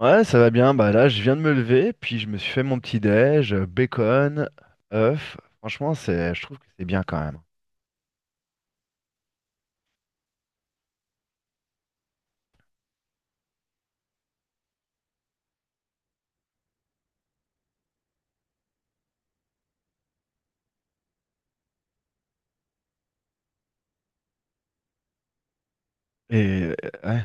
Ouais, ça va bien. Bah là, je viens de me lever, puis je me suis fait mon petit déj, bacon, œuf. Franchement, je trouve que c'est bien quand même. Et euh, ouais,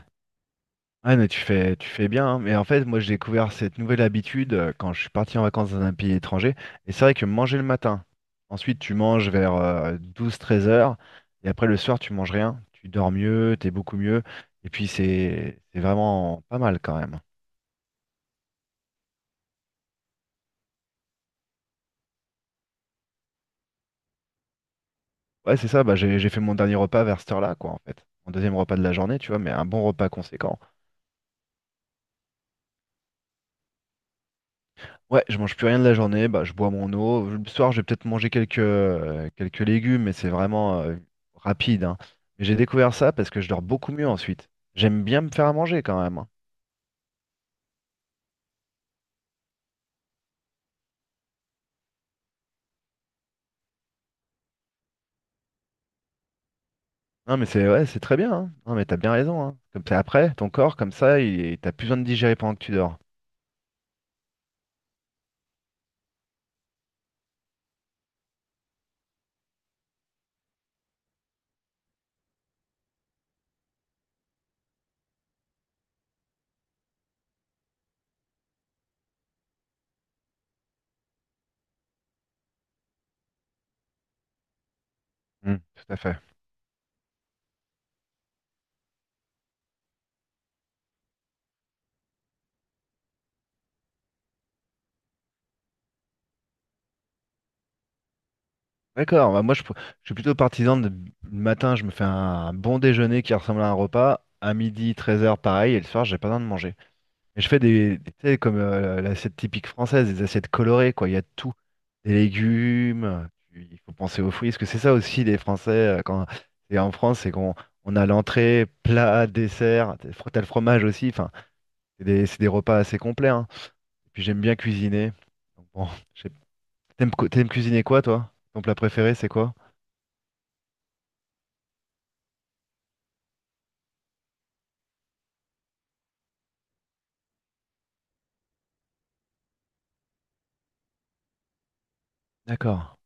ouais, mais tu fais bien, hein. Mais en fait, moi, j'ai découvert cette nouvelle habitude quand je suis parti en vacances dans un pays étranger. Et c'est vrai que manger le matin, ensuite tu manges vers 12-13 heures, et après le soir, tu manges rien. Tu dors mieux, t'es beaucoup mieux. Et puis c'est vraiment pas mal quand même. Ouais, c'est ça. Bah, j'ai fait mon dernier repas vers cette heure-là, quoi, en fait. Mon deuxième repas de la journée, tu vois, mais un bon repas conséquent. Ouais, je mange plus rien de la journée. Bah, je bois mon eau. Le soir, je vais peut-être manger quelques légumes, mais c'est vraiment rapide, hein. Mais j'ai découvert ça parce que je dors beaucoup mieux ensuite. J'aime bien me faire à manger quand même, hein. Non, mais c'est, ouais, c'est très bien, hein. Non, mais t'as bien raison, hein. Comme ça, après, ton corps, comme ça, il t'as plus besoin de digérer pendant que tu dors. Hmm, tout à fait. D'accord. Je suis plutôt partisan de le matin, je me fais un bon déjeuner qui ressemble à un repas, à midi, treize heures, pareil, et le soir j'ai pas besoin de manger. Et je fais tu sais, comme l'assiette typique française, des assiettes colorées, quoi, il y a de tout. Des légumes, il faut penser aux fruits, parce que c'est ça aussi les Français, quand c'est en France, c'est qu'on on a l'entrée, plat, dessert, t'as t'as le fromage aussi, enfin, c'est des repas assez complets, hein. Et puis j'aime bien cuisiner. Donc bon, j'ai- t'aimes t'aimes cuisiner, quoi, toi? Ton plat préféré c'est quoi? D'accord.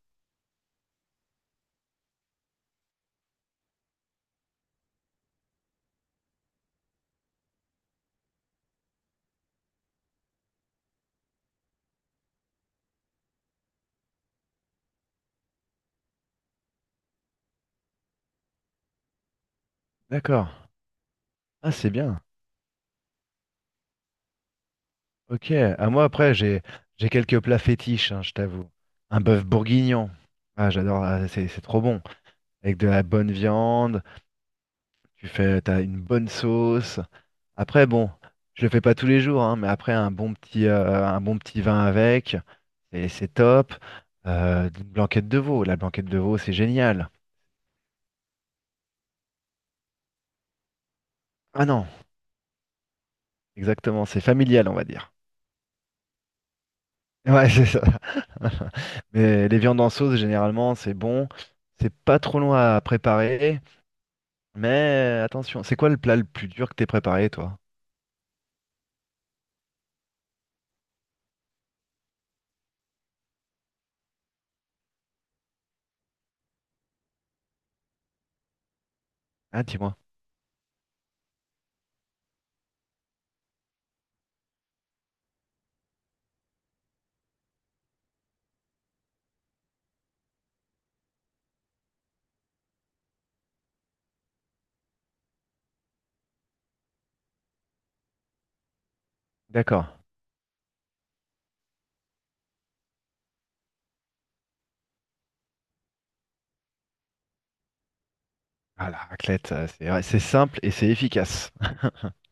D'accord. Ah, c'est bien. Ok. À moi, après, j'ai quelques plats fétiches, hein, je t'avoue. Un bœuf bourguignon. Ah, j'adore. Ah, c'est trop bon. Avec de la bonne viande. Tu fais, t'as une bonne sauce. Après, bon, je le fais pas tous les jours, hein, mais après un bon petit vin avec, et c'est top. Une blanquette de veau. La blanquette de veau, c'est génial. Ah non, exactement. C'est familial, on va dire. Ouais, c'est ça. Mais les viandes en sauce, généralement, c'est bon. C'est pas trop long à préparer. Mais attention, c'est quoi le plat le plus dur que t'aies préparé, toi? Ah, dis-moi. D'accord. Ah, la raclette, ça, c'est, ouais, c'est simple et c'est efficace.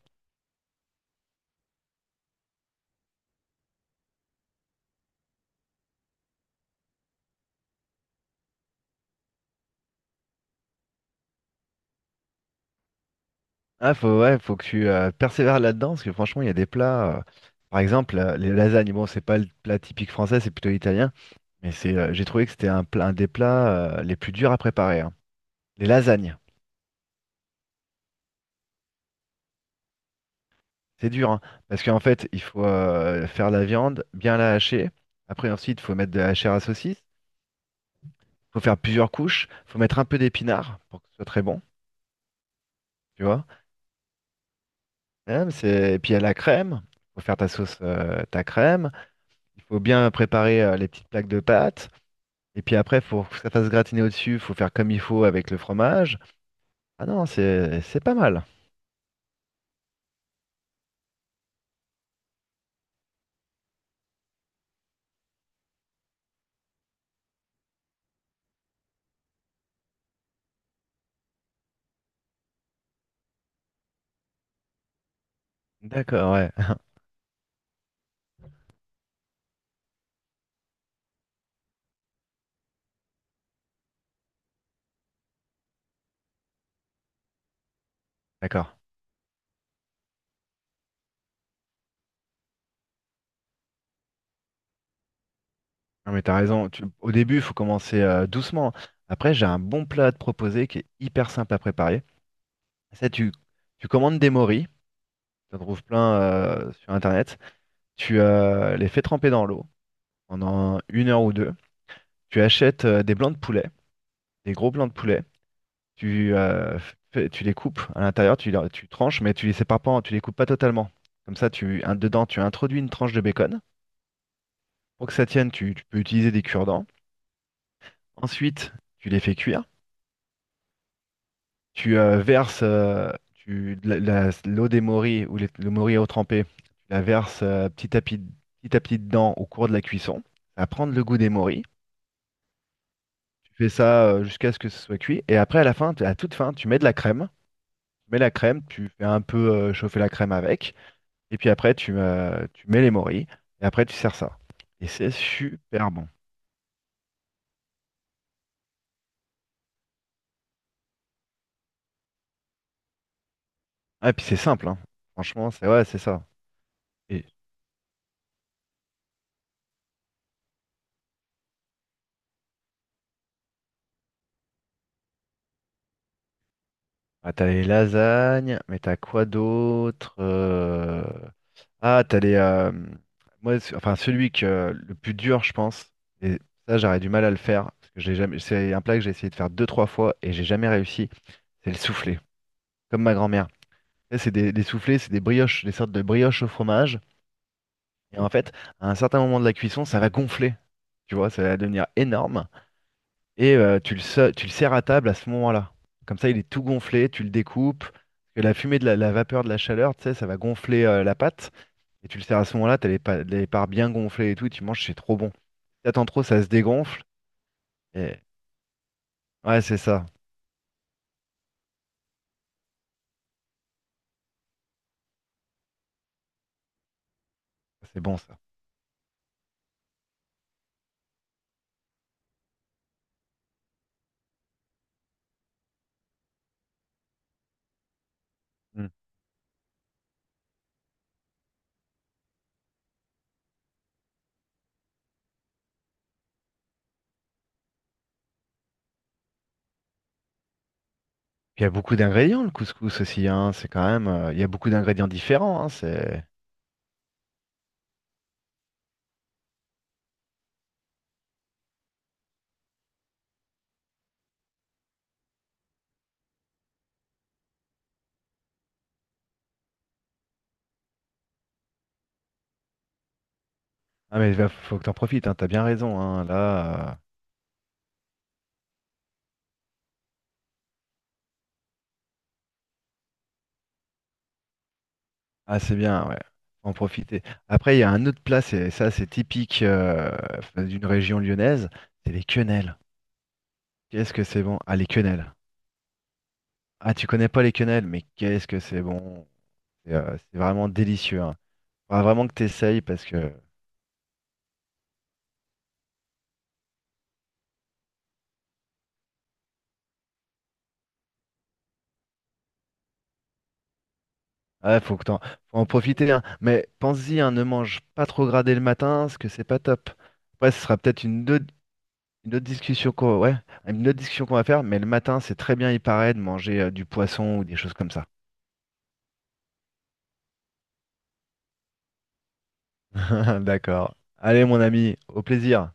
Ah, faut, ouais, faut que tu persévères là-dedans, parce que franchement, il y a des plats, par exemple, les lasagnes. Bon, c'est pas le plat typique français, c'est plutôt italien. Mais c'est, j'ai trouvé que c'était un des plats les plus durs à préparer, hein. Les lasagnes. C'est dur, hein, parce qu'en fait, il faut faire la viande, bien la hacher. Après, ensuite, il faut mettre de la chair à saucisse. Il faut faire plusieurs couches. Il faut mettre un peu d'épinards pour que ce soit très bon, tu vois. Hein, c'est- Et puis, il y a la crème. Il faut faire ta crème. Il faut bien préparer les petites plaques de pâte. Et puis après, il faut que ça fasse gratiner au-dessus. Il faut faire comme il faut avec le fromage. Ah non, c'est pas mal. D'accord, ouais. D'accord. Non, mais t'as raison. Tu- Au début, il faut commencer doucement. Après, j'ai un bon plat à te proposer qui est hyper simple à préparer. Ça, tu commandes des moris, tu en trouves plein sur Internet. Tu les fais tremper dans l'eau pendant une heure ou deux. Tu achètes des blancs de poulet, des gros blancs de poulet. Tu, euh, Tu les coupes à l'intérieur, tu tranches, mais tu les sépares pas, tu les coupes pas totalement. Comme ça, dedans, tu introduis une tranche de bacon. Pour que ça tienne, tu peux utiliser des cure-dents. Ensuite, tu les fais cuire. Tu verses l'eau des morilles, ou le morille à eau trempée, tu la verses petit à petit dedans au cours de la cuisson. Ça va prendre le goût des morilles. Tu fais ça jusqu'à ce que ce soit cuit. Et après, à la fin, à toute fin, tu mets de la crème. Tu mets la crème, tu fais un peu chauffer la crème avec. Et puis après, tu mets les morilles. Et après, tu sers ça. Et c'est super bon. Ah, et puis c'est simple, hein. Franchement, c'est, ouais, c'est ça. Et ah, t'as les lasagnes, mais t'as quoi d'autre? Ah, t'as les, moi, enfin, celui que le plus dur, je pense. Et ça, j'aurais du mal à le faire parce que j'ai jamais. C'est un plat que j'ai essayé de faire deux, trois fois et j'ai jamais réussi. C'est le soufflé, comme ma grand-mère. Tu sais, c'est des soufflés, c'est des brioches, des sortes de brioches au fromage. Et en fait, à un certain moment de la cuisson, ça va gonfler. Tu vois, ça va devenir énorme. Et tu le sers à table à ce moment-là. Comme ça, il est tout gonflé, tu le découpes. Et la fumée de la vapeur de la chaleur, tu sais, ça va gonfler la pâte. Et tu le sers à ce moment-là, t'as les parts bien gonflées et tout, et tu manges, c'est trop bon. Si t'attends trop, ça se dégonfle. Et... Ouais, c'est ça. C'est bon ça. Mm. Puis il y a beaucoup d'ingrédients, le couscous aussi, hein. C'est quand même, il y a beaucoup d'ingrédients différents, hein. C'est... Ah mais faut que t'en profites, hein. T'as bien raison, hein. Là, ah, c'est bien, ouais. Faut en profiter. Après, il y a un autre plat, c'est ça, c'est typique d'une région lyonnaise, c'est les quenelles. Qu'est-ce que c'est bon? Ah, les quenelles. Ah, tu connais pas les quenelles, mais qu'est-ce que c'est bon. C'est, c'est vraiment délicieux, hein. Faudra vraiment que t'essayes parce que ah, faut que t'en... faut en profiter, hein. Mais pense-y, hein, ne mange pas trop gradé le matin, parce que c'est pas top. Après, ce sera peut-être une autre discussion qu'on, ouais, une autre discussion qu'on va faire, mais le matin, c'est très bien, il paraît, de manger du poisson ou des choses comme ça. D'accord. Allez, mon ami, au plaisir.